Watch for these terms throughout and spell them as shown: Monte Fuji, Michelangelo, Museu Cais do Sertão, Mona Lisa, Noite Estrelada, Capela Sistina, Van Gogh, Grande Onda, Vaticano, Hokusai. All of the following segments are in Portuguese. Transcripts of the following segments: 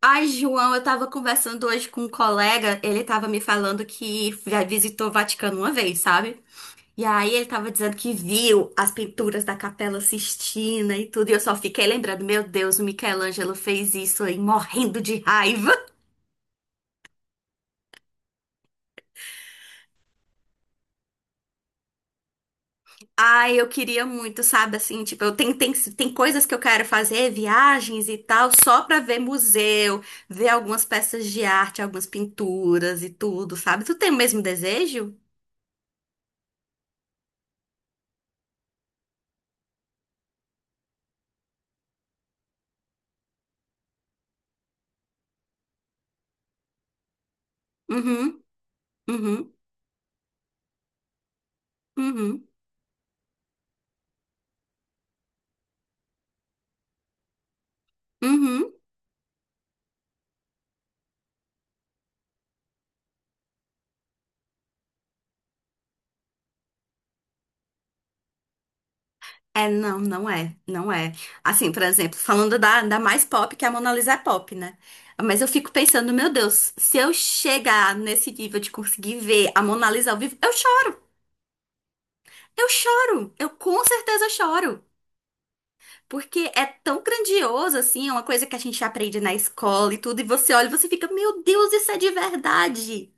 Ai, João, eu tava conversando hoje com um colega, ele tava me falando que já visitou o Vaticano uma vez, sabe? E aí ele tava dizendo que viu as pinturas da Capela Sistina e tudo, e eu só fiquei lembrando, meu Deus, o Michelangelo fez isso aí, morrendo de raiva. Ai, eu queria muito, sabe, assim, tipo, tem coisas que eu quero fazer, viagens e tal, só pra ver museu, ver algumas peças de arte, algumas pinturas e tudo, sabe? Tu tem o mesmo desejo? Uhum, uhum, uhum. Uhum. É, não, não é, não é. Assim, por exemplo, falando da mais pop, que é a Mona Lisa é pop, né? Mas eu fico pensando, meu Deus, se eu chegar nesse nível de conseguir ver a Mona Lisa ao vivo, eu choro, eu choro, eu com certeza choro. Porque é tão grandioso, assim, é uma coisa que a gente aprende na escola e tudo, e você olha e você fica, meu Deus, isso é de verdade.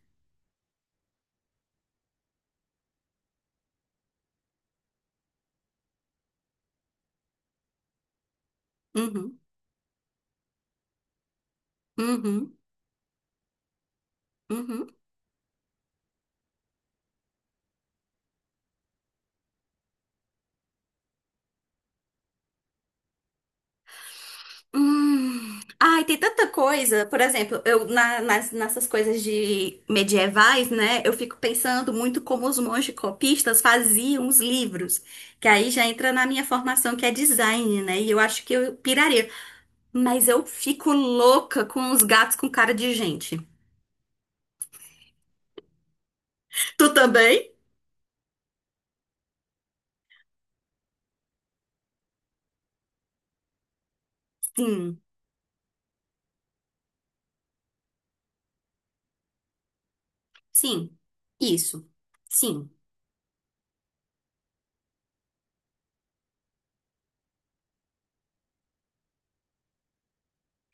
Uhum, uhum, uhum. Hum. Ai, tem tanta coisa. Por exemplo, nessas coisas de medievais, né? Eu fico pensando muito como os monges copistas faziam os livros, que aí já entra na minha formação que é design, né? E eu acho que eu piraria. Mas eu fico louca com os gatos com cara de gente. Tu também? Sim, sim. Isso. Sim.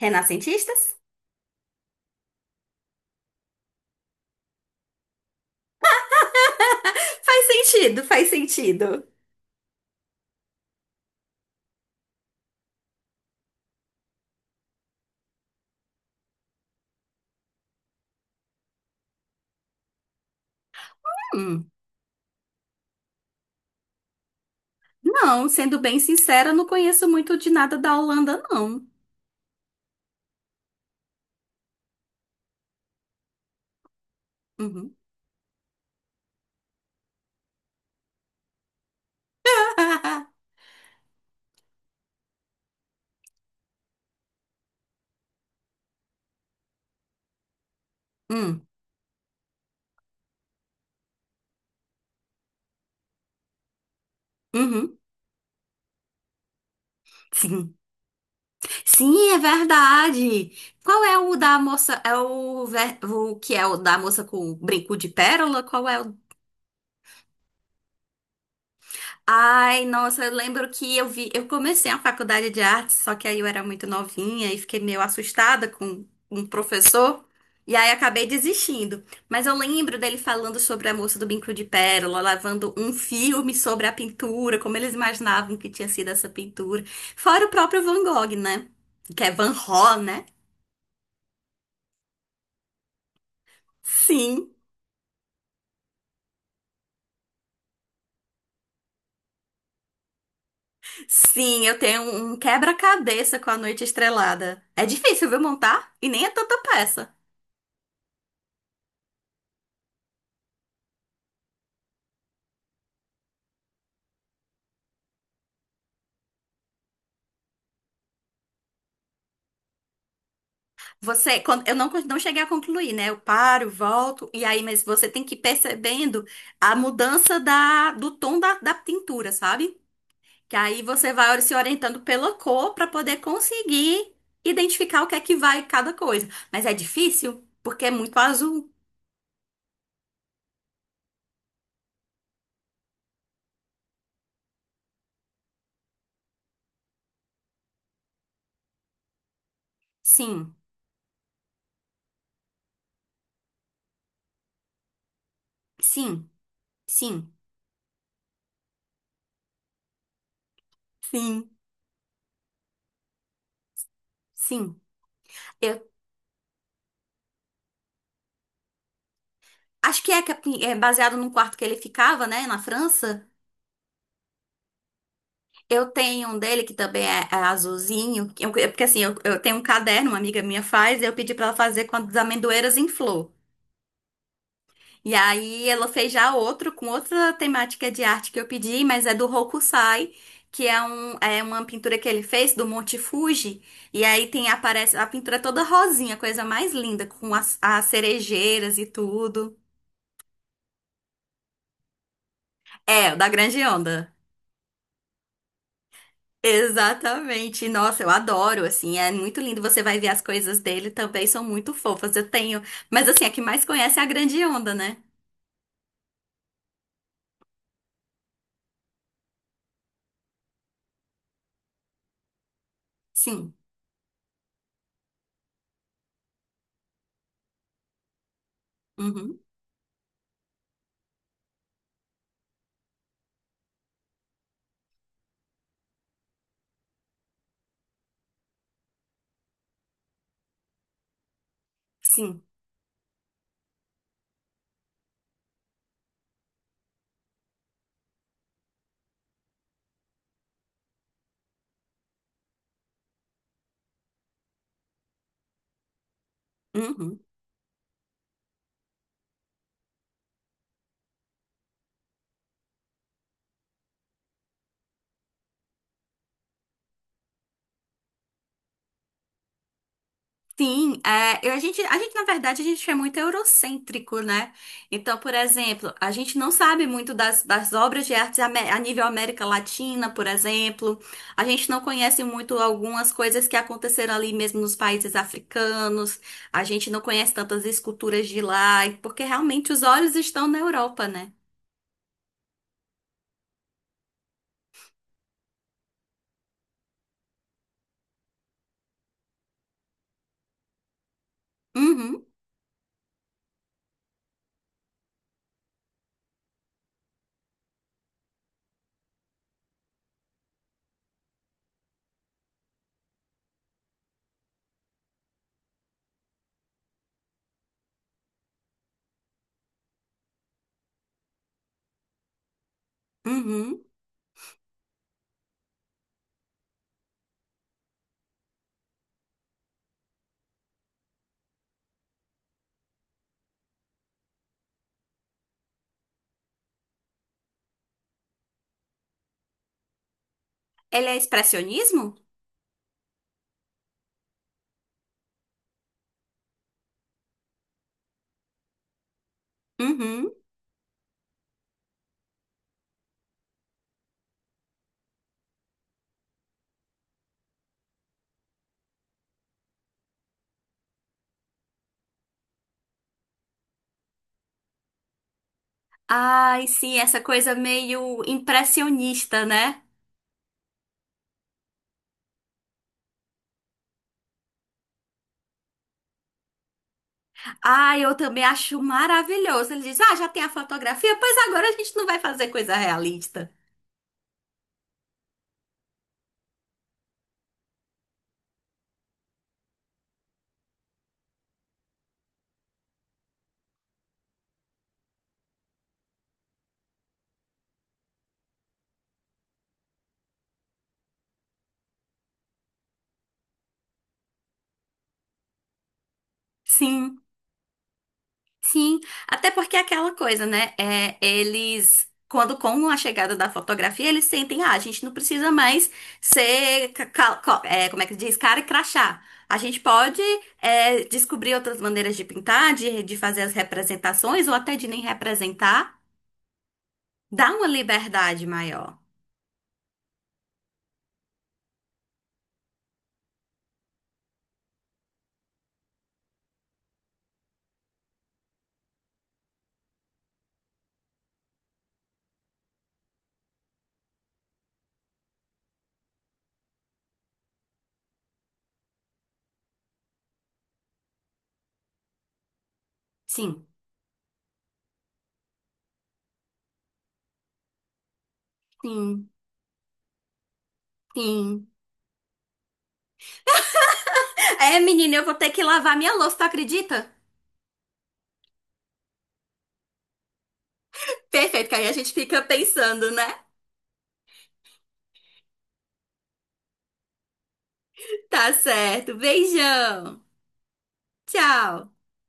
Renascentistas? Faz sentido, faz sentido. Hum. Não, sendo bem sincera, não conheço muito de nada da Holanda, não. Uhum. Hum, uhum. Sim. Sim, é verdade. Qual é o da moça? É o que é o da moça com o brinco de pérola? Qual é o. Ai, nossa, eu lembro que eu vi, eu comecei a faculdade de artes, só que aí eu era muito novinha e fiquei meio assustada com um professor, e aí acabei desistindo. Mas eu lembro dele falando sobre a moça do bico de pérola, lavando um filme sobre a pintura, como eles imaginavam que tinha sido essa pintura. Fora o próprio Van Gogh, né? Que é Van Gogh, né? Sim, sim, eu tenho um quebra-cabeça com a Noite Estrelada. É difícil, viu, montar? E nem é tanta peça. Você, quando, eu não, não cheguei a concluir, né? Eu paro, volto, e aí, mas você tem que ir percebendo a mudança do tom da pintura, sabe? Que aí você vai se orientando pela cor para poder conseguir identificar o que é que vai cada coisa. Mas é difícil, porque é muito azul. Sim, sim, sim, sim, sim. Eu acho que é assim, é baseado num quarto que ele ficava, né, na França. Eu tenho um dele que também é azulzinho, que eu- é porque assim, eu tenho um caderno, uma amiga minha faz, e eu pedi pra ela fazer com as amendoeiras em flor. E aí ela fez já outro, com outra temática de arte que eu pedi, mas é do Hokusai, que é, um, é uma pintura que ele fez do Monte Fuji. E aí tem, aparece a pintura é toda rosinha, coisa mais linda, com as cerejeiras e tudo. É, o da Grande Onda. Exatamente. Nossa, eu adoro, assim, é muito lindo. Você vai ver as coisas dele também, são muito fofas. Eu tenho, mas assim, a que mais conhece é a grande onda, né? Sim. Uhum. Sim. Uhum. Sim, é, eu- na verdade, a gente é muito eurocêntrico, né? Então, por exemplo, a gente não sabe muito das obras de arte ame- a nível América Latina, por exemplo. A gente não conhece muito algumas coisas que aconteceram ali mesmo nos países africanos. A gente não conhece tantas esculturas de lá, porque realmente os olhos estão na Europa, né? Uhum, uhum. Ele é expressionismo? Uhum. Ai, sim, essa coisa meio impressionista, né? Ah, eu também acho maravilhoso. Ele diz: ah, já tem a fotografia? Pois agora a gente não vai fazer coisa realista. Sim, sim. Até porque é aquela coisa, né? É, eles, quando com a chegada da fotografia, eles sentem: ah, a gente não precisa mais ser, ca- ca- co- é, como é que diz, cara e crachá. A gente pode é, descobrir outras maneiras de pintar, de fazer as representações, ou até de nem representar. Dá uma liberdade maior. Sim, sim, sim. É, menina, eu vou ter que lavar minha louça, tu acredita? Perfeito, que aí a gente fica pensando, né? Tá certo. Beijão. Tchau.